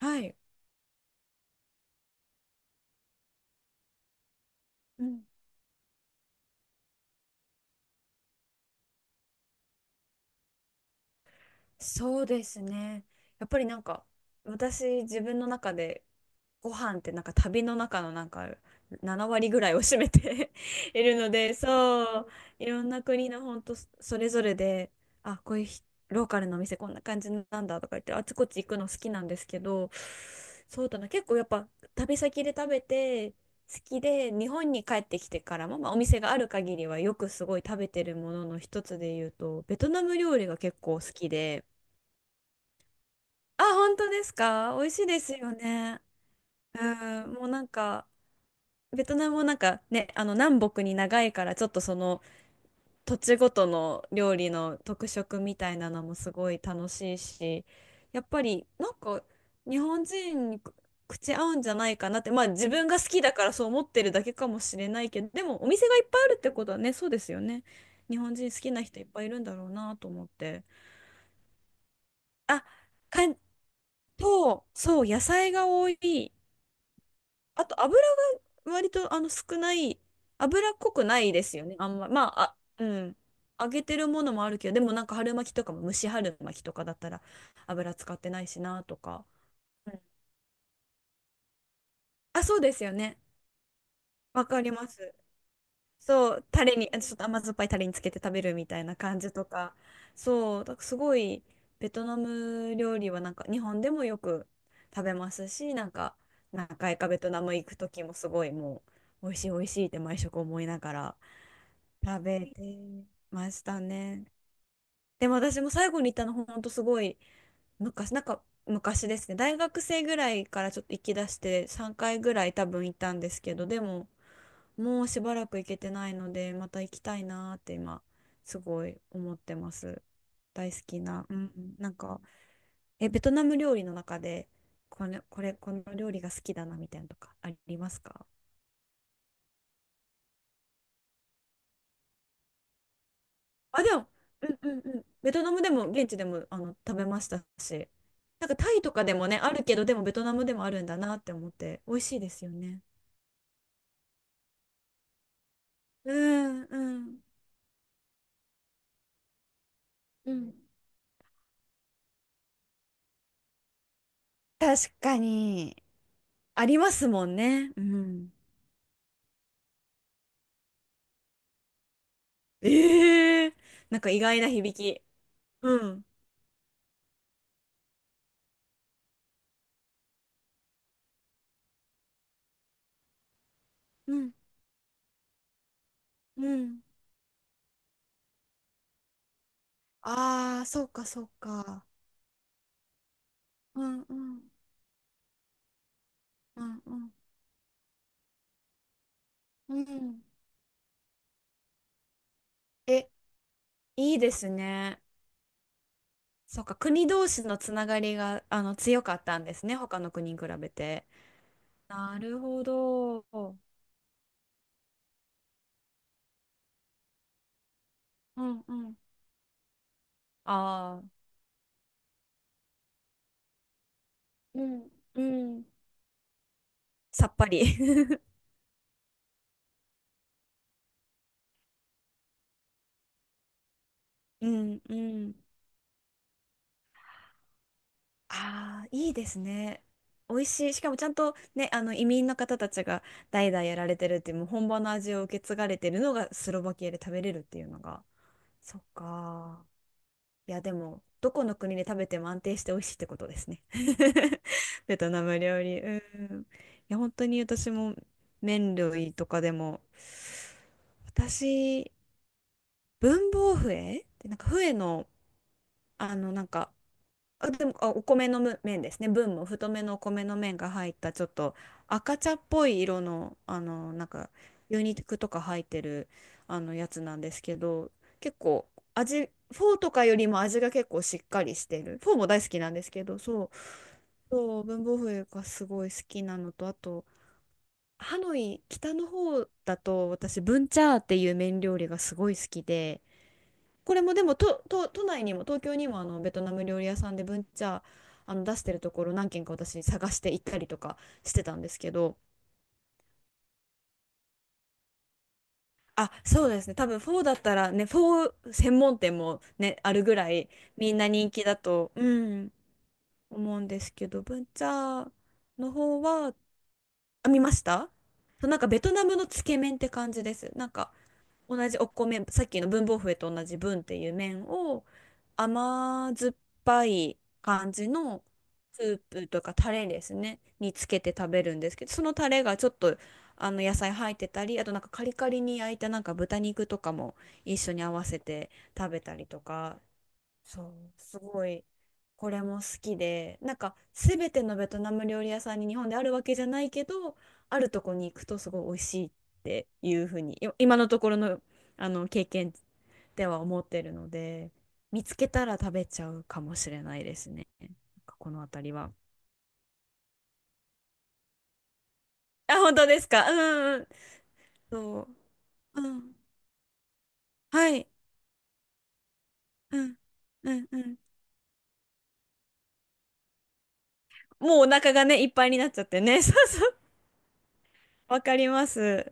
はい。うん、そうですね。やっぱりなんか私自分の中でご飯ってなんか旅の中のなんか7割ぐらいを占めて いるので、そう、いろんな国の本当それぞれで、あ、こういうローカルのお店こんな感じなんだとか言ってあちこち行くの好きなんですけど、そうだな、結構やっぱ旅先で食べて好きで日本に帰ってきてからも、まあ、お店がある限りはよくすごい食べてるものの一つで言うとベトナム料理が結構好きで。あ、本当ですか？美味しいですよね。うん、もうなんか、ベトナムもなんかね、あの南北に長いから、ちょっとその土地ごとの料理の特色みたいなのもすごい楽しいし、やっぱりなんか日本人に口合うんじゃないかなって、まあ自分が好きだからそう思ってるだけかもしれないけど、でもお店がいっぱいあるってことはね、そうですよね。日本人好きな人いっぱいいるんだろうなと思って。あ、かん、そう、そう、野菜が多い。あと油が割と少ない、油っこくないですよね。あんま、まあ、あ、うん。揚げてるものもあるけど、でもなんか春巻きとかも蒸し春巻きとかだったら油使ってないしなとか。うん。あ、そうですよね。わかります。そう、タレに、あちょっと甘酸っぱいタレにつけて食べるみたいな感じとか。そう、だからすごいベトナム料理はなんか日本でもよく食べますし、なんか何回かベトナム行く時もすごいもう美味しい美味しいって毎食思いながら。食べてましたね。でも私も最後に行ったのほんとすごい昔、なんか昔ですね。大学生ぐらいからちょっと行き出して3回ぐらい多分行ったんですけど、でももうしばらく行けてないので、また行きたいなーって今すごい思ってます。大好きな。うん。なんか、え、ベトナム料理の中でこの料理が好きだなみたいなのとかありますか？あ、でも、うんうんうん。ベトナムでも、現地でも、食べましたし。なんかタイとかでもね、あるけど、でもベトナムでもあるんだなって思って、美味しいですよね。うんうん。うん。確かに、ありますもんね。うん。ええ、なんか意外な響き。うん。うん。うん。ああ、そうか、そうか。うんうん。うんうん。うん。え、いいですね。そうか、国同士のつながりが、強かったんですね、他の国に比べて。なるほど。うんうん。ああ、うんうん。さっぱり。うんうん。ああ、いいですね。美味しい。しかもちゃんとね、あの移民の方たちが代々やられてるっていう、もう本場の味を受け継がれてるのがスロバキアで食べれるっていうのが。そっか。いや、でも、どこの国で食べても安定して美味しいってことですね。ベトナム料理。うん。いや、本当に私も麺類とかでも、私、文房笛ってなんか笛の、あの、なんか、あ、でも、あ、お米の麺ですね。分も太めのお米の麺が入った、ちょっと赤茶っぽい色の、あの、なんか、牛肉とか入ってる、あの、やつなんですけど、結構、味、フォーとかよりも味が結構しっかりしてる。フォーも大好きなんですけど、そう、そう、文房具がすごい好きなのと、あと、ハノイ、北の方だと、私、ブンチャーっていう麺料理がすごい好きで、これもでもと都内にも東京にもあのベトナム料理屋さんでブンチャーあの出してるところ何軒か私探して行ったりとかしてたんですけど。あ、そうですね、多分フォーだったらね、フォー専門店もねあるぐらいみんな人気だと、うん、思うんですけど、ブンチャーの方はあ見ました。そう、なんかベトナムのつけ麺って感じです、なんか同じお米、さっきの文房笛と同じ文っていう麺を甘酸っぱい感じのスープとかタレですね、につけて食べるんですけど、そのタレがちょっとあの野菜入ってたり、あとなんかカリカリに焼いたなんか豚肉とかも一緒に合わせて食べたりとか。そう、すごい、これも好きで、なんか、すべてのベトナム料理屋さんに日本であるわけじゃないけど、あるとこに行くとすごい美味しいっていうふうに、今のところの、あの経験では思ってるので、見つけたら食べちゃうかもしれないですね。なんかこの辺りは。あ、本当ですか。うんうん。そう。うん。はい。うん。うんうん。もうお腹がね、いっぱいになっちゃってね。そうそう。わかります。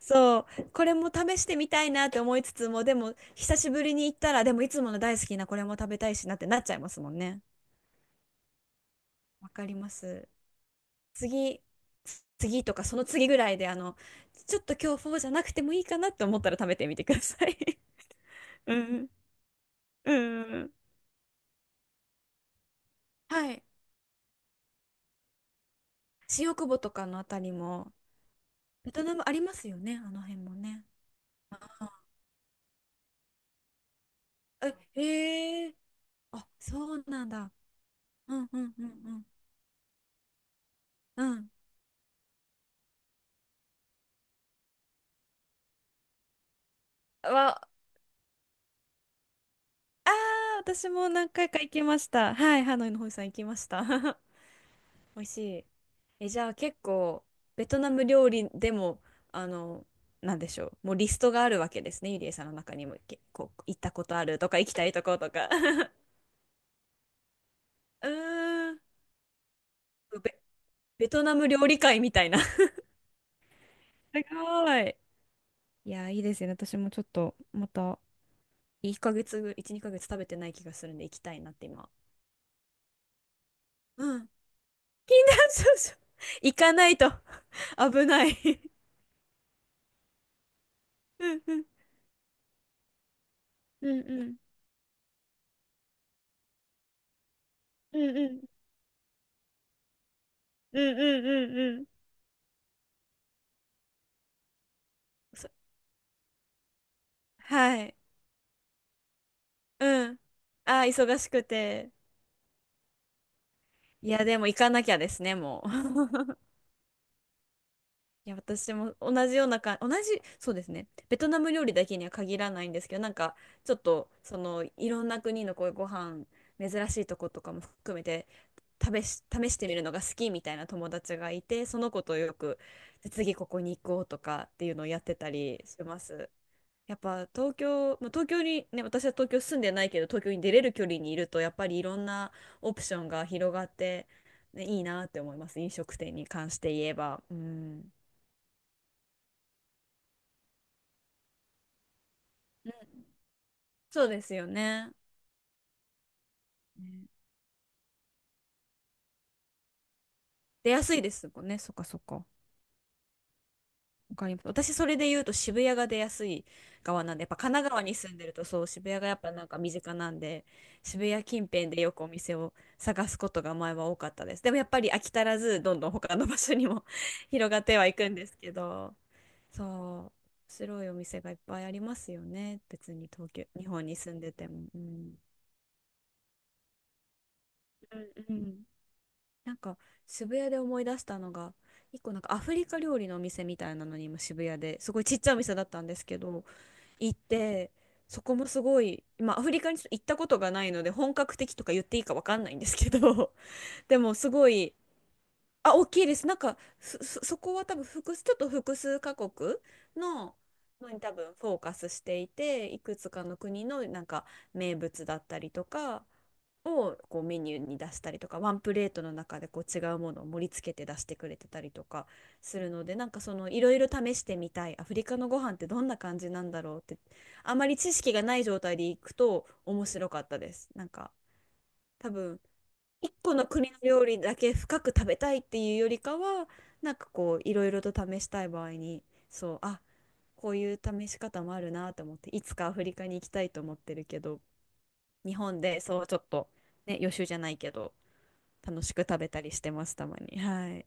そう、これも試してみたいなって思いつつも、でも久しぶりに行ったら、でもいつもの大好きなこれも食べたいしなってなっちゃいますもんね。わかります。次、次とかその次ぐらいで、あの、ちょっと今日フォーじゃなくてもいいかなって思ったら食べてみてください。うん、うん。はい。新大久保とかのあたりも、ベトナムありますよね、あの辺もね。あえ、へえあ、そうなんだ。うんうんうんうん。うん。わ、ああ、私も何回か行きました。はい、ハノイのホイさん行きました。美味しい。え、じゃあ結構、ベトナム料理でも、あの、なんでしょう。もうリストがあるわけですね。ゆりえさんの中にも、けこう、行ったことあるとか、行きたいとことか。うーん。ベ、ベトナム料理会みたいな。すごい。いや、いいですよね。私もちょっと、また、1ヶ月ぐ、1、2ヶ月食べてない気がするんで、行きたいなって今。うん。そうそう。行かないと危ない。うんうん。うんうん。うんうん。うんうんうんうん。そ、はい。うん。ああ、忙しくて。いや、でも行かなきゃですね、もう。いや、私も同じ、そうですね。ベトナム料理だけには限らないんですけど、なんか、ちょっと、その、いろんな国のこういうご飯、珍しいとことかも含めて、試してみるのが好きみたいな友達がいて、その子とよく、で次ここに行こうとかっていうのをやってたりします。やっぱ東京、まあ、東京にね、私は東京住んでないけど、東京に出れる距離にいると、やっぱりいろんなオプションが広がって、ね、いいなって思います。飲食店に関して言えば。うん。うん、そうですよね。ね、出やすいですもんね。そっかそっか。わかります。私、それで言うと渋谷が出やすい側なんで、やっぱ神奈川に住んでると、そう、渋谷がやっぱなんか身近なんで、渋谷近辺でよくお店を探すことが前は多かったです。でもやっぱり飽き足らず、どんどん他の場所にも 広がってはいくんですけど、そう、面白いお店がいっぱいありますよね。別に東京、日本に住んでても。うん。うんうん。なんか渋谷で思い出したのが、一個なんかアフリカ料理のお店みたいなのに今渋谷ですごいちっちゃいお店だったんですけど、行って、そこもすごい、まあ、アフリカに行ったことがないので、本格的とか言っていいかわかんないんですけど、でもすごい、あ、大きいです。なんか、そこは多分複数、ちょっと複数カ国の、のに多分フォーカスしていて、いくつかの国のなんか名物だったりとか、をこうメニューに出したりとか、ワンプレートの中でこう違うものを盛り付けて出してくれてたりとかするので、なんかそのいろいろ試してみたいアフリカのご飯ってどんな感じなんだろうって、あまり知識がない状態で行くと面白かったです。なんか多分一個の国の料理だけ深く食べたいっていうよりかは、なんかこういろいろと試したい場合に、そう、あ、こういう試し方もあるなと思って、いつかアフリカに行きたいと思ってるけど、日本でそうちょっとね、予習じゃないけど、楽しく食べたりしてます、たまに。はい。